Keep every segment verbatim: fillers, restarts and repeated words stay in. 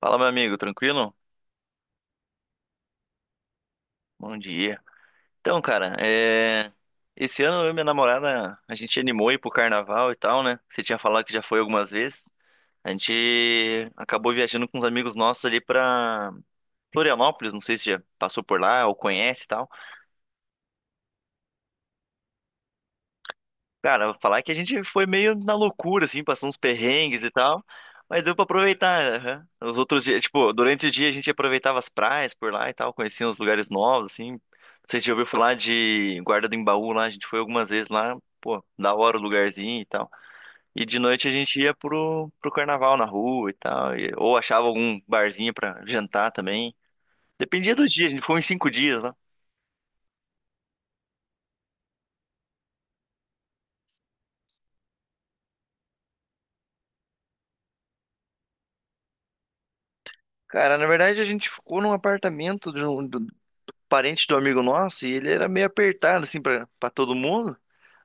Fala, meu amigo, tranquilo? Bom dia. Então, cara, é... esse ano eu e minha namorada, a gente animou ir pro carnaval e tal, né? Você tinha falado que já foi algumas vezes. A gente acabou viajando com uns amigos nossos ali pra Florianópolis, não sei se já passou por lá ou conhece e tal. Cara, falar que a gente foi meio na loucura, assim, passou uns perrengues e tal, mas deu pra aproveitar. Aham. Os outros dias, tipo, durante o dia a gente aproveitava as praias por lá e tal, conhecia uns lugares novos, assim. Não sei se já ouviu falar de Guarda do Embaú lá, a gente foi algumas vezes lá, pô, da hora o lugarzinho e tal. E de noite a gente ia pro, pro carnaval na rua e tal, e- ou achava algum barzinho pra jantar também. Dependia do dia, a gente foi uns cinco dias lá. Cara, na verdade a gente ficou num apartamento parente do amigo nosso e ele era meio apertado, assim, pra, pra todo mundo.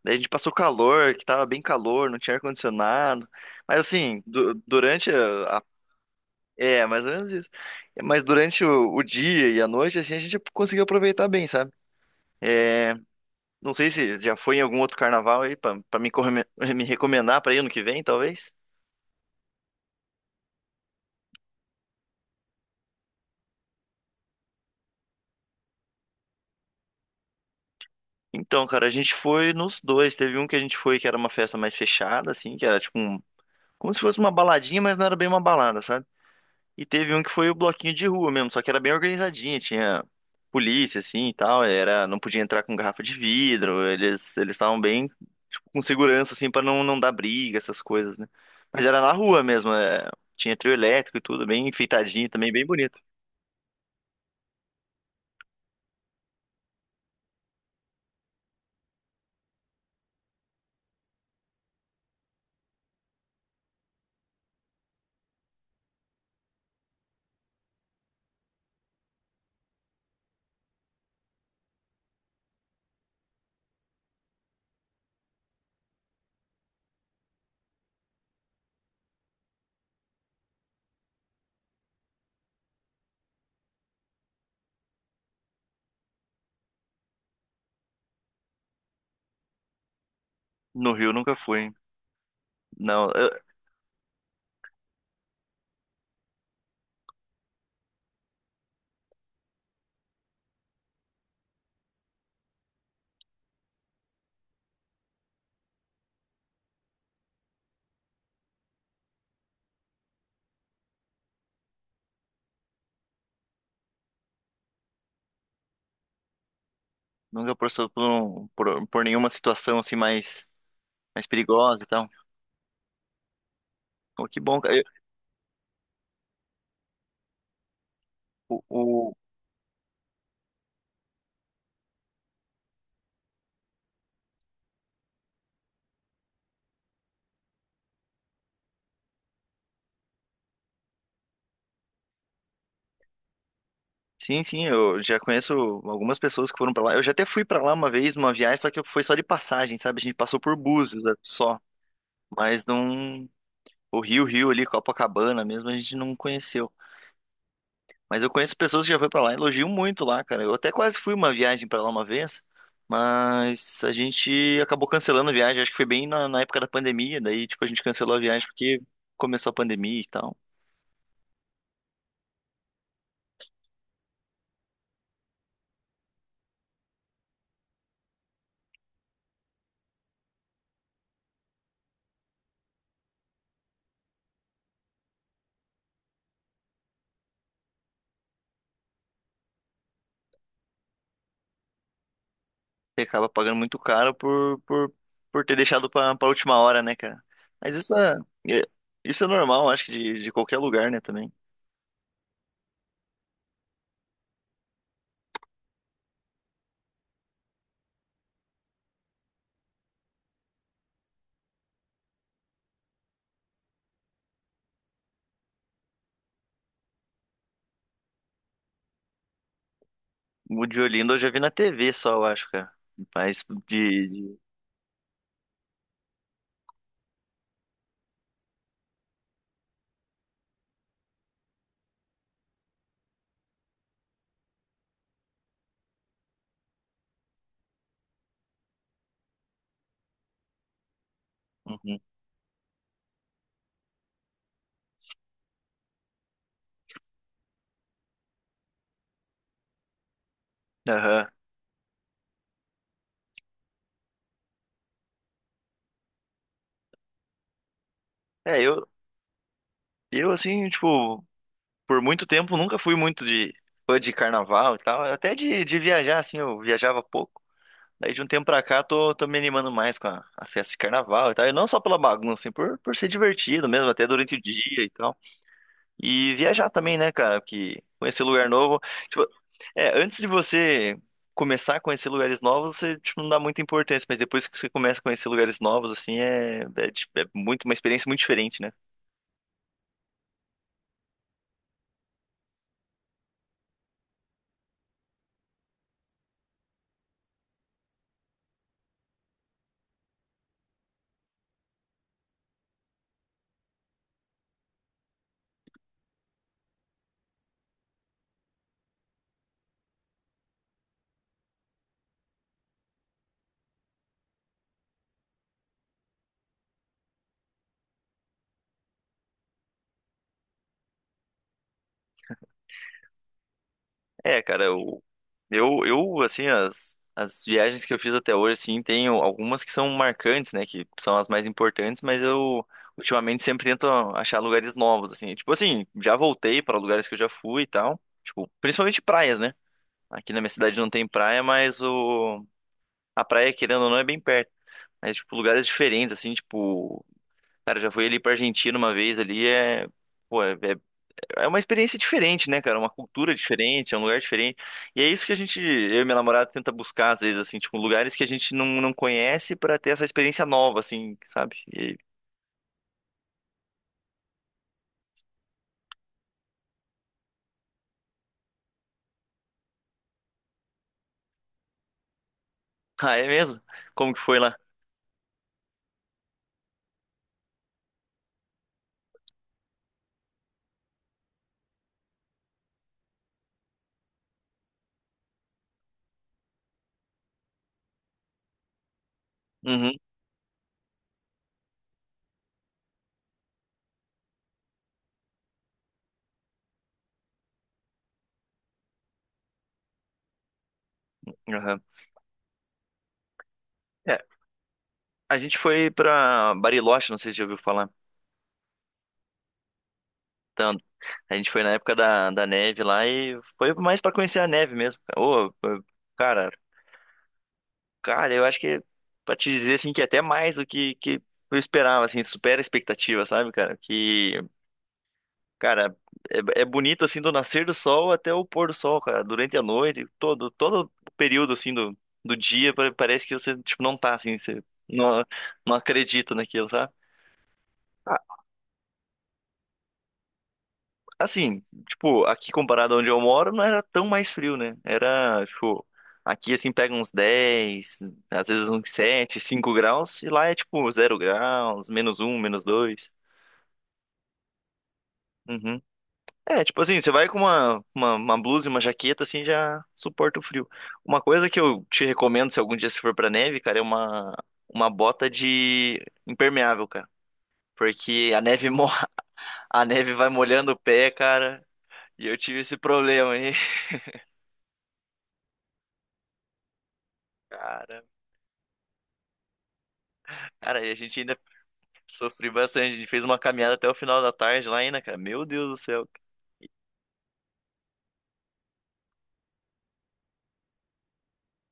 Daí a gente passou calor, que tava bem calor, não tinha ar-condicionado. Mas assim, du- durante a, a- É, mais ou menos isso. Mas durante o, o dia e a noite, assim, a gente conseguiu aproveitar bem, sabe? É, não sei se já foi em algum outro carnaval aí pra, pra me, correme- me recomendar pra ir ano que vem, talvez. Então, cara, a gente foi nos dois. Teve um que a gente foi que era uma festa mais fechada, assim, que era tipo um, como se fosse uma baladinha, mas não era bem uma balada, sabe? E teve um que foi o bloquinho de rua mesmo, só que era bem organizadinho, tinha polícia assim e tal, era, não podia entrar com garrafa de vidro, eles eles estavam bem tipo, com segurança assim para não não dar briga, essas coisas, né? Mas era na rua mesmo, é, tinha trio elétrico e tudo, bem enfeitadinho também, bem bonito. No Rio nunca fui. Hein? Não, eu nunca passou por, um- por, por nenhuma situação assim mais mais perigosa e tal. Pô, que bom, cara. Eu- o, Sim, sim, eu já conheço algumas pessoas que foram pra lá. Eu já até fui pra lá uma vez numa viagem, só que foi só de passagem, sabe? A gente passou por Búzios né, só, mas não o Rio, Rio ali, Copacabana mesmo, a gente não conheceu. Mas eu conheço pessoas que já foram pra lá, elogiam muito lá, cara. Eu até quase fui uma viagem pra lá uma vez, mas a gente acabou cancelando a viagem. Acho que foi bem na, na época da pandemia, daí tipo a gente cancelou a viagem porque começou a pandemia e tal. Você acaba pagando muito caro por, por, por ter deixado pra, pra última hora, né, cara? Mas isso é, é- isso é normal, acho que de, de qualquer lugar, né, também. O de Olinda eu já vi na T V só, eu acho, cara. Mas de... de... Uhum. Aham. É, eu, eu, assim, tipo, por muito tempo nunca fui muito de fã de carnaval e tal. Até de, de viajar, assim, eu viajava pouco. Daí de um tempo pra cá tô, tô me animando mais com a, a festa de carnaval e tal. E não só pela bagunça, assim, por, por ser divertido mesmo, até durante o dia e tal. E viajar também, né, cara? Que conhecer lugar novo. Tipo, é, antes de você começar a conhecer lugares novos, você, tipo, não dá muita importância, mas depois que você começa a conhecer lugares novos, assim, é, é, tipo, é muito, uma experiência muito diferente, né? É, cara, eu, eu, eu assim, as, as viagens que eu fiz até hoje, assim, tem algumas que são marcantes, né, que são as mais importantes, mas eu. Ultimamente sempre tento achar lugares novos, assim. Tipo assim, já voltei para lugares que eu já fui e tal. Tipo, principalmente praias, né? Aqui na minha cidade não tem praia, mas o... a praia, querendo ou não, é bem perto. Mas, tipo, lugares diferentes, assim, tipo... Cara, eu já fui ali pra Argentina uma vez ali, é... Pô, é, é é uma experiência diferente, né, cara? Uma cultura diferente, é um lugar diferente. E é isso que a gente, eu e minha namorada, tenta buscar, às vezes, assim, tipo, lugares que a gente não, não conhece pra ter essa experiência nova, assim, sabe? E- Ah, é mesmo? Como que foi lá? Uhum, aham. É, a gente foi pra Bariloche, não sei se já ouviu falar. Então, a gente foi na época da, da neve lá e foi mais pra conhecer a neve mesmo. Ô, cara, cara, eu acho que pra te dizer assim que é até mais do que, que eu esperava, assim, supera a expectativa, sabe, cara? Que, cara, é, é bonito assim do nascer do sol até o pôr do sol, cara, durante a noite, todo todo o período assim do, do dia, pa- parece que você tipo não tá assim, você não, não acredita naquilo, sabe? Assim, tipo, aqui comparado a onde eu moro, não era tão mais frio, né? Era, tipo, aqui assim pega uns dez, às vezes uns sete, cinco graus, e lá é tipo zero graus, menos um, menos dois. Uhum. É, tipo assim, você vai com uma, uma, uma blusa e uma jaqueta, assim, já suporta o frio. Uma coisa que eu te recomendo, se algum dia você for pra neve, cara, é uma, uma bota de impermeável, cara. Porque a neve, mo- a neve vai molhando o pé, cara, e eu tive esse problema aí. Cara, e a gente ainda sofreu bastante. A gente fez uma caminhada até o final da tarde lá ainda, cara. Meu Deus do céu.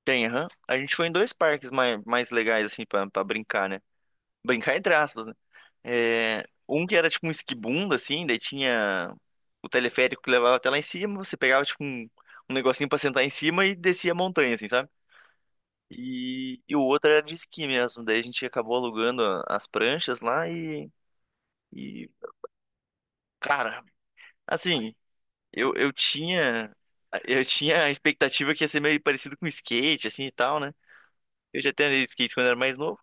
Tem, aham. A gente foi em dois parques mais, mais, legais, assim, pra, pra brincar, né? Brincar entre aspas, né? É, um que era tipo um esquibundo, assim, daí tinha o teleférico que levava até lá em cima. Você pegava, tipo, um, um negocinho pra sentar em cima e descia a montanha, assim, sabe? E, e o outro era de esqui mesmo. Daí a gente acabou alugando a- as pranchas lá e, e cara. Assim, Eu, eu tinha. Eu tinha a expectativa que ia ser meio parecido com skate, assim e tal, né? Eu já até andei de skate quando era mais novo,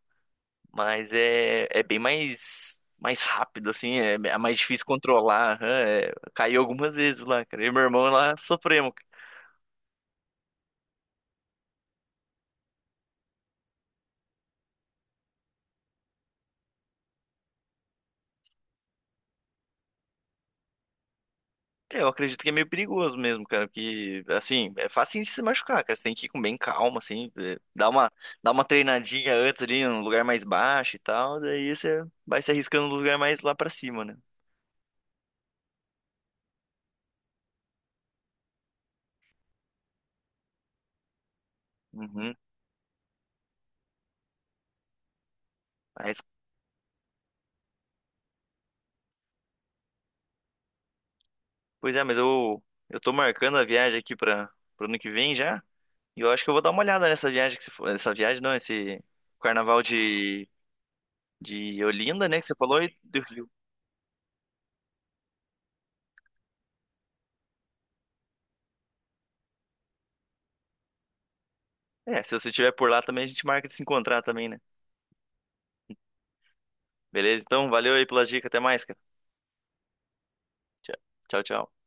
mas é, é bem mais, mais rápido, assim, é, é mais difícil controlar. Aham, é, caiu algumas vezes lá, cara. Eu e meu irmão lá sofremos. É, eu acredito que é meio perigoso mesmo, cara, porque, assim, é fácil de se machucar, cara. Você tem que ir com bem calma, assim, é, dar uma, dar uma treinadinha antes ali, num lugar mais baixo e tal, daí você vai se arriscando no lugar mais lá pra cima, né? Uhum. Pois é, mas eu, eu tô marcando a viagem aqui para o ano que vem já. E eu acho que eu vou dar uma olhada nessa viagem que você falou. Essa viagem não, esse carnaval de, de Olinda, né? Que você falou, e do Rio. É, se você estiver por lá também, a gente marca de se encontrar também, né? Beleza? Então, valeu aí pelas dicas. Até mais, cara. Tchau, tchau. Tchau.